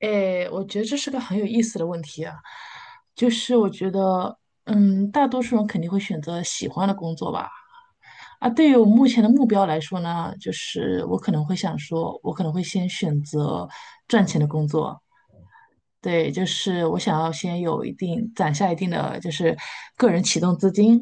哎，我觉得这是个很有意思的问题啊，就是我觉得，嗯，大多数人肯定会选择喜欢的工作吧。啊，对于我目前的目标来说呢，我可能会先选择赚钱的工作。对，就是我想要先有一定攒下一定的个人启动资金，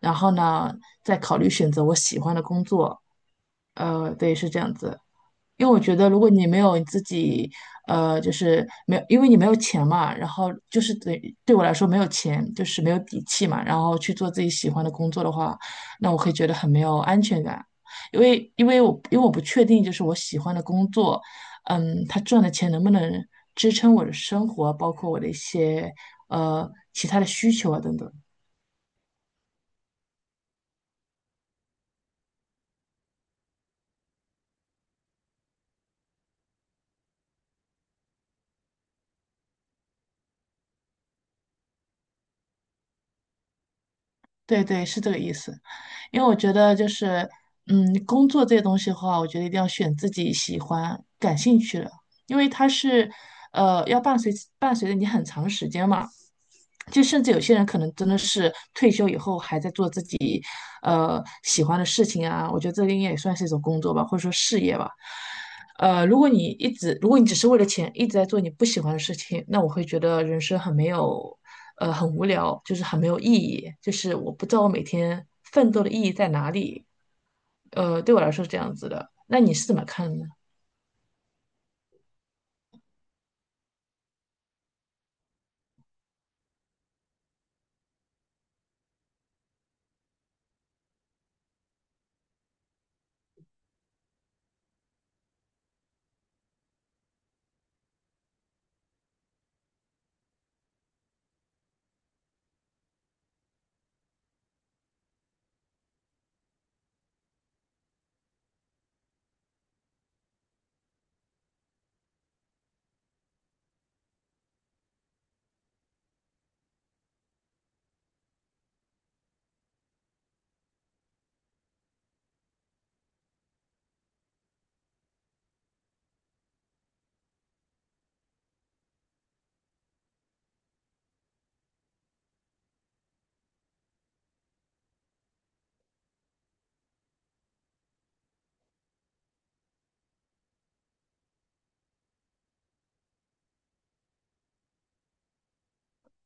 然后呢，再考虑选择我喜欢的工作。对，是这样子。因为我觉得，如果你没有你自己，呃，就是没有，因为你没有钱嘛，然后我来说没有钱，就是没有底气嘛，然后去做自己喜欢的工作的话，那我会觉得很没有安全感，因为我不确定我喜欢的工作，他赚的钱能不能支撑我的生活，包括我的一些其他的需求啊等等。对对，是这个意思。因为我觉得就是，嗯，工作这些东西的话，我觉得一定要选自己喜欢、感兴趣的，因为它是，要伴随着你很长时间嘛。就甚至有些人可能真的是退休以后还在做自己喜欢的事情啊。我觉得这个应该也算是一种工作吧，或者说事业吧。如果你只是为了钱一直在做你不喜欢的事情，那我会觉得人生很没有，很无聊，就是很没有意义，就是我不知道我每天奋斗的意义在哪里。对我来说是这样子的。那你是怎么看呢？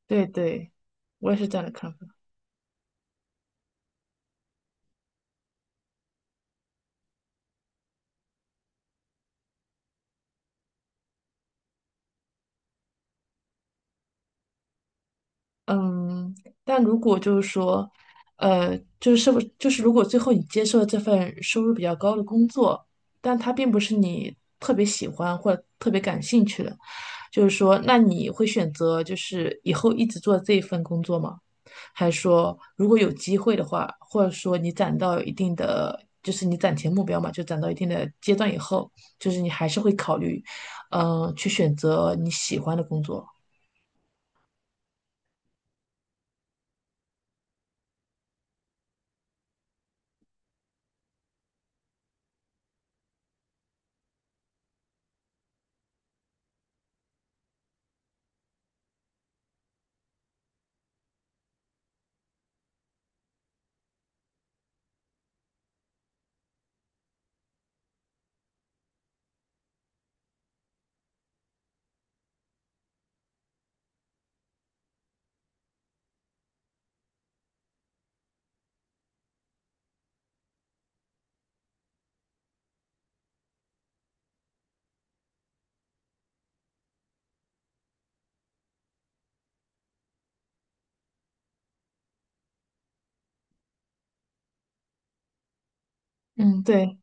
对对，我也是这样的看法。嗯，但如果就是说，呃，就是是不就是如果最后你接受了这份收入比较高的工作，但它并不是你特别喜欢或者特别感兴趣的，就是说，那你会选择就是以后一直做这一份工作吗？还是说如果有机会的话，或者说你攒到一定的，就是你攒钱目标嘛，就攒到一定的阶段以后，你还是会考虑，嗯、去选择你喜欢的工作。嗯，对。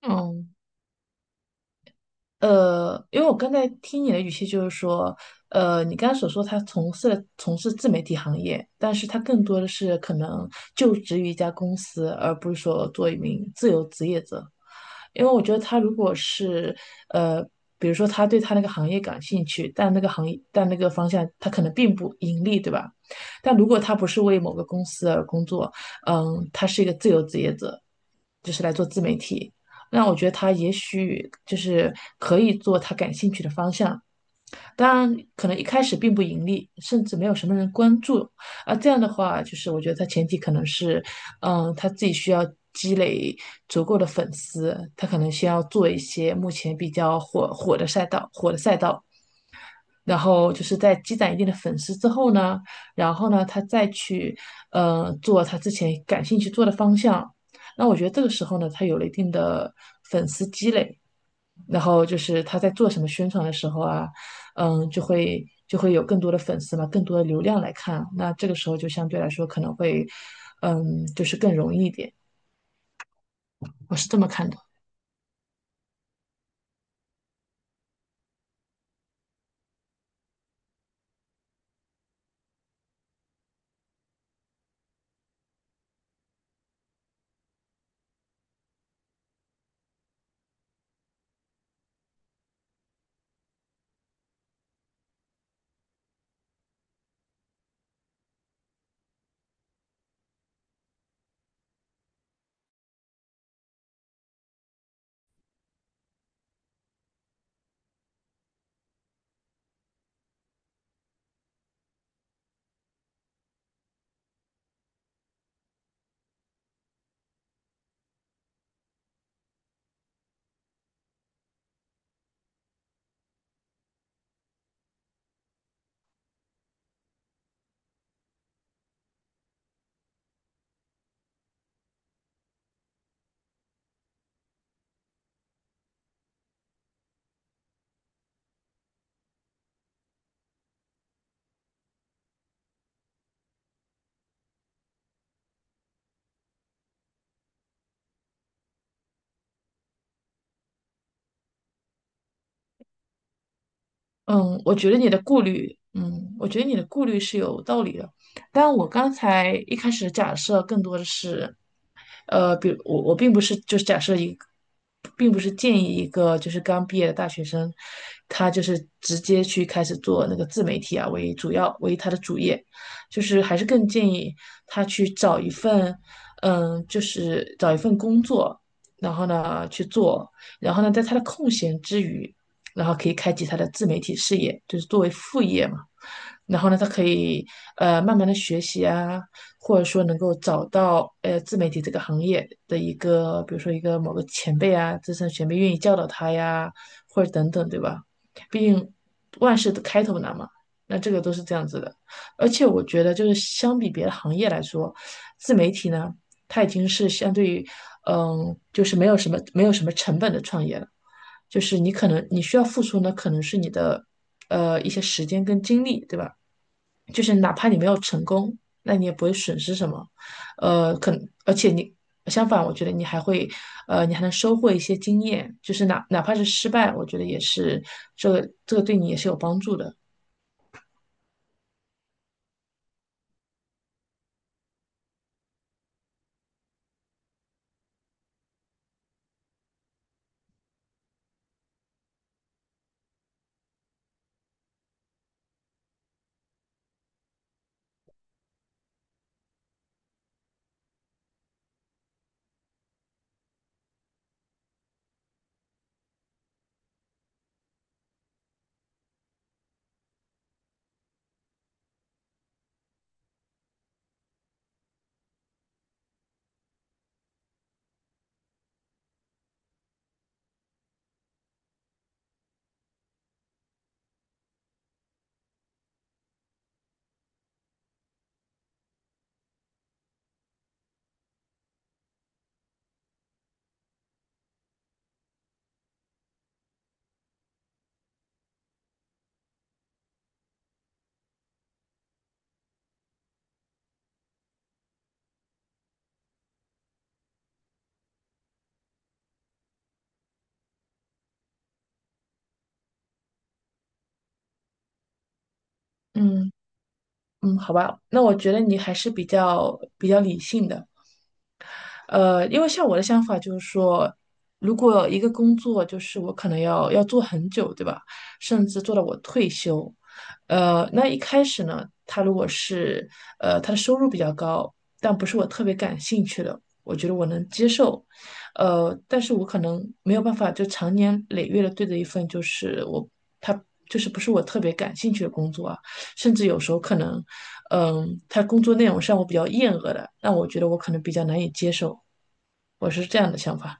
嗯，因为我刚才听你的语气就是说，呃，你刚才所说他从事自媒体行业，但是他更多的是可能就职于一家公司，而不是说做一名自由职业者。因为我觉得他如果是呃，比如说他对他那个行业感兴趣，但那个行业但那个方向他可能并不盈利，对吧？但如果他不是为某个公司而工作，嗯，他是一个自由职业者，就是来做自媒体，那我觉得他也许就是可以做他感兴趣的方向。当然，可能一开始并不盈利，甚至没有什么人关注。啊，这样的话，就是我觉得他前提可能是，嗯，他自己需要积累足够的粉丝。他可能先要做一些目前比较火的赛道，火的赛道，然后就是在积攒一定的粉丝之后呢，然后呢，他再去，做他之前感兴趣做的方向。那我觉得这个时候呢，他有了一定的粉丝积累，然后就是他在做什么宣传的时候啊，嗯，就会有更多的粉丝嘛，更多的流量来看，那这个时候就相对来说可能会，嗯，就是更容易一点，我是这么看的。嗯，我觉得你的顾虑，嗯，我觉得你的顾虑是有道理的。但我刚才一开始的假设更多的是，呃，比如我我并不是假设一个，并不是建议一个就是刚毕业的大学生，他就是直接去开始做那个自媒体啊为他的主业，就是还是更建议他去找一份，就是找一份工作，然后呢去做。然后呢，在他的空闲之余，然后可以开启他的自媒体事业，就是作为副业嘛。然后呢，他可以慢慢的学习啊，或者说能够找到自媒体这个行业的一个，比如说一个某个前辈啊，资深前辈愿意教导他呀，或者等等，对吧？毕竟万事的开头难嘛，那这个都是这样子的。而且我觉得，就是相比别的行业来说，自媒体呢，它已经是相对于，嗯，就是没有什么成本的创业了。就是你可能你需要付出呢，可能是你的一些时间跟精力，对吧？就是哪怕你没有成功，那你也不会损失什么。呃，可而且你，相反，我觉得你还会你还能收获一些经验，就是哪怕是失败，我觉得也是这个对你也是有帮助的，嗯。嗯，好吧，那我觉得你还是比较理性的。因为像我的想法就是说，如果一个工作就是我可能要做很久，对吧？甚至做到我退休，那一开始呢，他如果是他的收入比较高，但不是我特别感兴趣的，我觉得我能接受。但是我可能没有办法就长年累月的对着一份就是我他就是不是我特别感兴趣的工作啊，甚至有时候可能，嗯，他工作内容上我比较厌恶的，那我觉得我可能比较难以接受，我是这样的想法。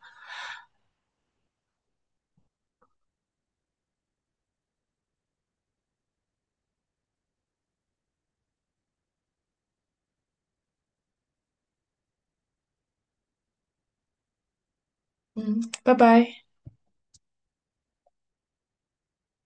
嗯，拜拜。